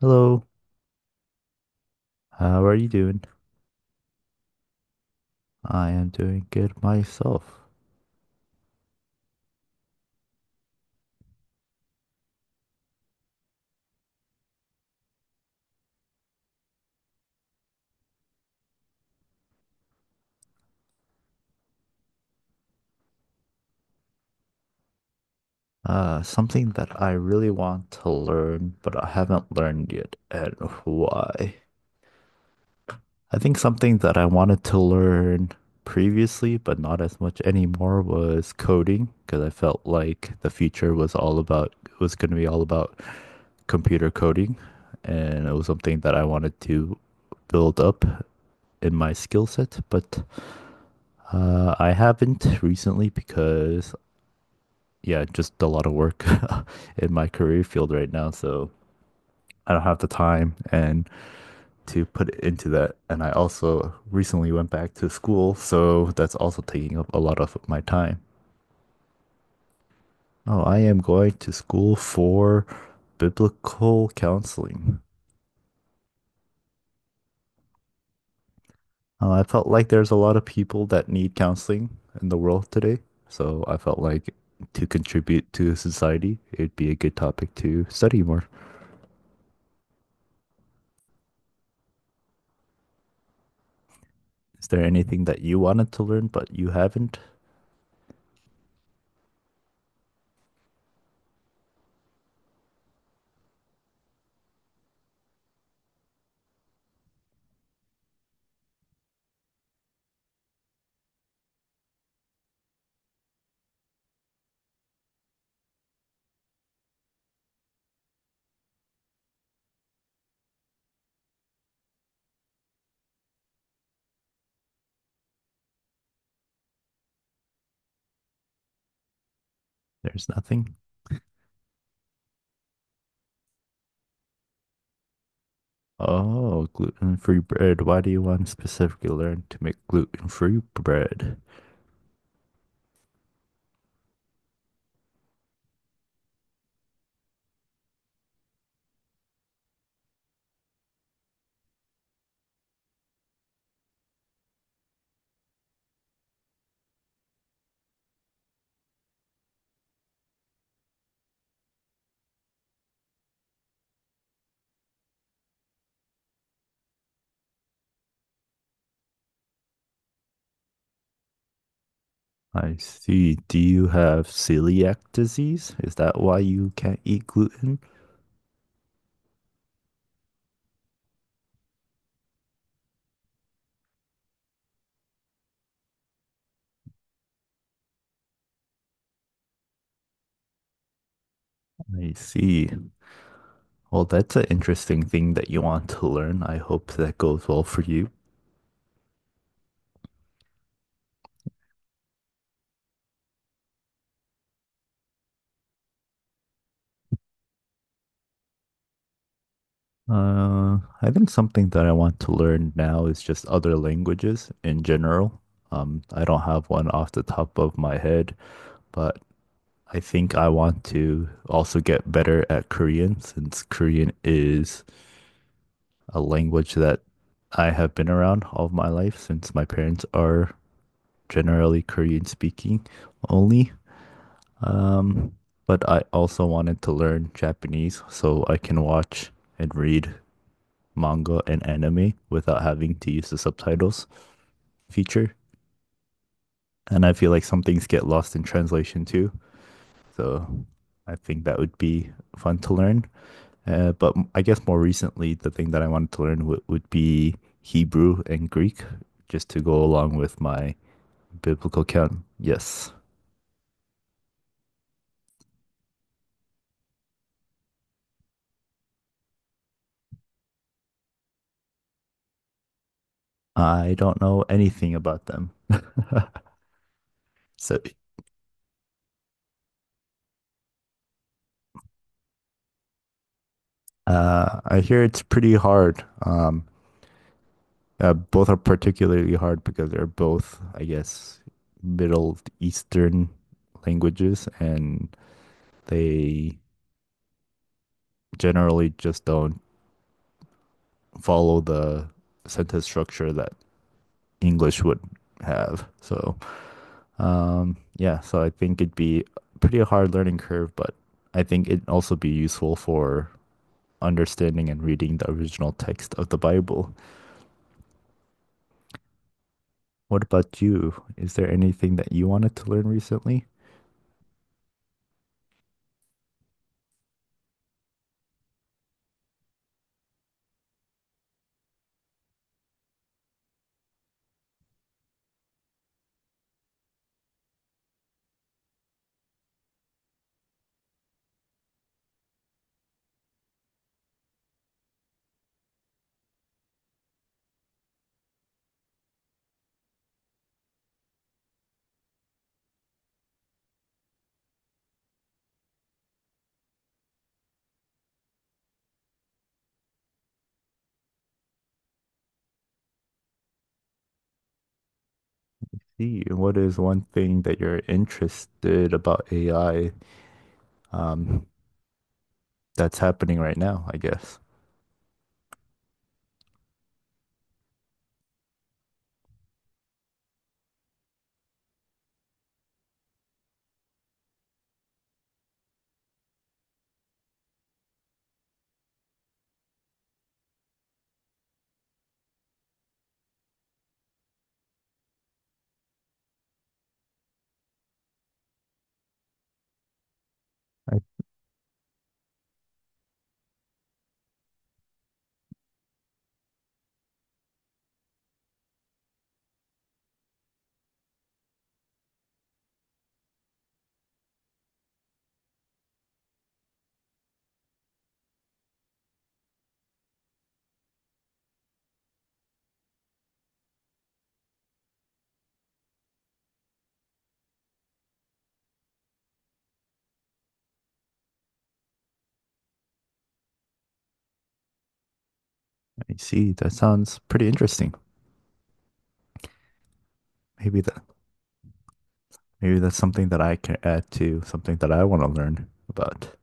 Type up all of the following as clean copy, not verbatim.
Hello, how are you doing? I am doing good myself. Something that I really want to learn, but I haven't learned yet, and why? I think something that I wanted to learn previously, but not as much anymore, was coding, because I felt like the future was all about was going to be all about computer coding, and it was something that I wanted to build up in my skill set, but I haven't recently because yeah, just a lot of work in my career field right now. So I don't have the time and to put it into that. And I also recently went back to school, so that's also taking up a lot of my time. Oh, I am going to school for biblical counseling. I felt like there's a lot of people that need counseling in the world today. So I felt like to contribute to society, it'd be a good topic to study more. Is there anything that you wanted to learn but you haven't? There's nothing. Oh, gluten-free bread. Why do you want to specifically learn to make gluten-free bread? I see. Do you have celiac disease? Is that why you can't eat gluten? I see. Well, that's an interesting thing that you want to learn. I hope that goes well for you. I think something that I want to learn now is just other languages in general. I don't have one off the top of my head, but I think I want to also get better at Korean since Korean is a language that I have been around all of my life since my parents are generally Korean speaking only. Um, but I also wanted to learn Japanese so I can watch and read manga and anime without having to use the subtitles feature. And I feel like some things get lost in translation too. So I think that would be fun to learn. But I guess more recently, the thing that I wanted to learn w would be Hebrew and Greek, just to go along with my biblical count. Yes, I don't know anything about them. So I hear it's pretty hard. Both are particularly hard because they're both, I guess, Middle Eastern languages, and they generally just don't follow the sentence structure that English would have. So, yeah, so I think it'd be pretty a hard learning curve, but I think it'd also be useful for understanding and reading the original text of the Bible. What about you? Is there anything that you wanted to learn recently? See, what is one thing that you're interested about AI, um, that's happening right now, I guess? I, I see. That sounds pretty interesting. Maybe that Maybe that's something that I can add to something that I want to learn about.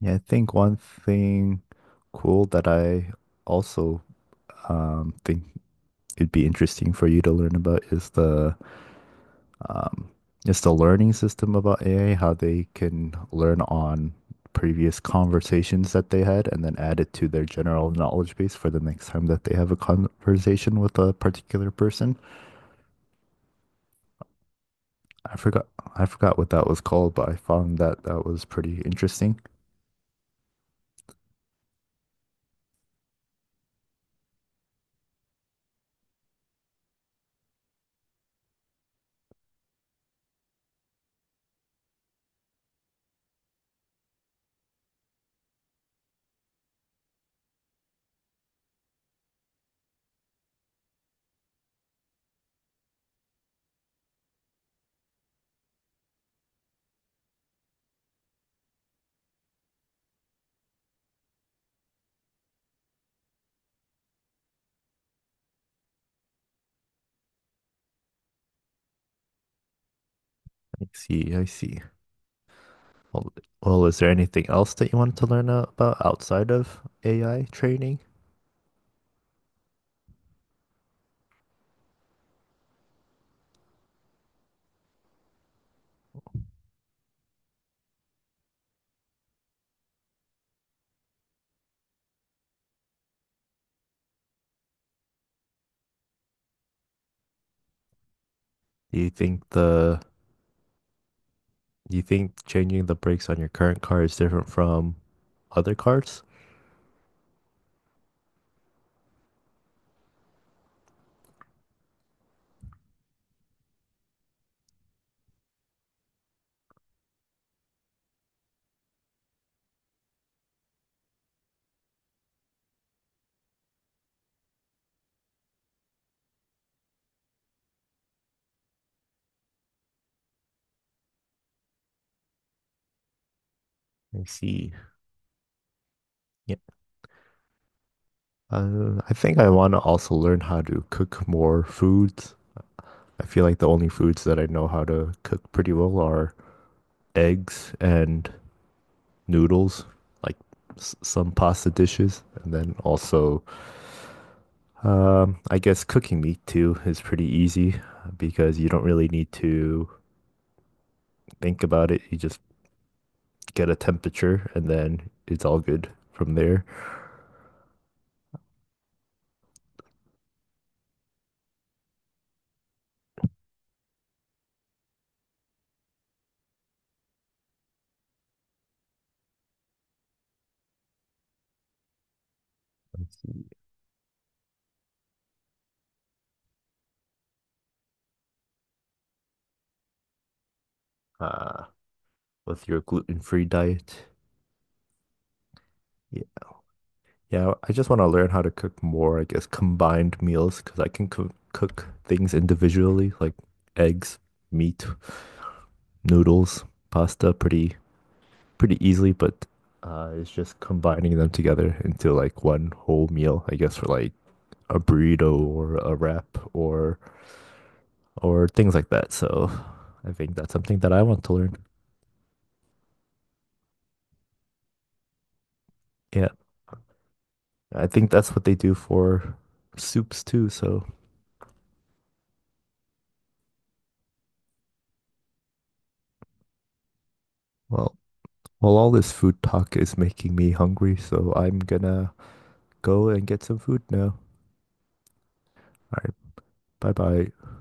Yeah, I think one thing cool that I also think it'd be interesting for you to learn about um, is the learning system about AI, how they can learn on previous conversations that they had and then add it to their general knowledge base for the next time that they have a conversation with a particular person. I forgot I forgot what that was called, but I found that that was pretty interesting. I see, I see. Well, well, is there anything else that you wanted to learn about outside of AI training? Do you think the do you think changing the brakes on your current car is different from other cars? I see. Yeah. I think I want to also learn how to cook more foods. I feel like the only foods that I know how to cook pretty well are eggs and noodles, like s some pasta dishes, and then also I guess cooking meat too is pretty easy because you don't really need to think about it. You just get a temperature and then it's all good from there. Uh, with your gluten-free diet. Yeah, yeah, I just want to learn how to cook more, I guess, combined meals because I can cook things individually like eggs, meat, noodles, pasta pretty easily, but it's just combining them together into like one whole meal, I guess, for like a burrito or a wrap or things like that. So I think that's something that I want to learn. Yeah, I think that's what they do for soups too. So well, well, all this food talk is making me hungry, so I'm gonna go and get some food now. All right, bye bye.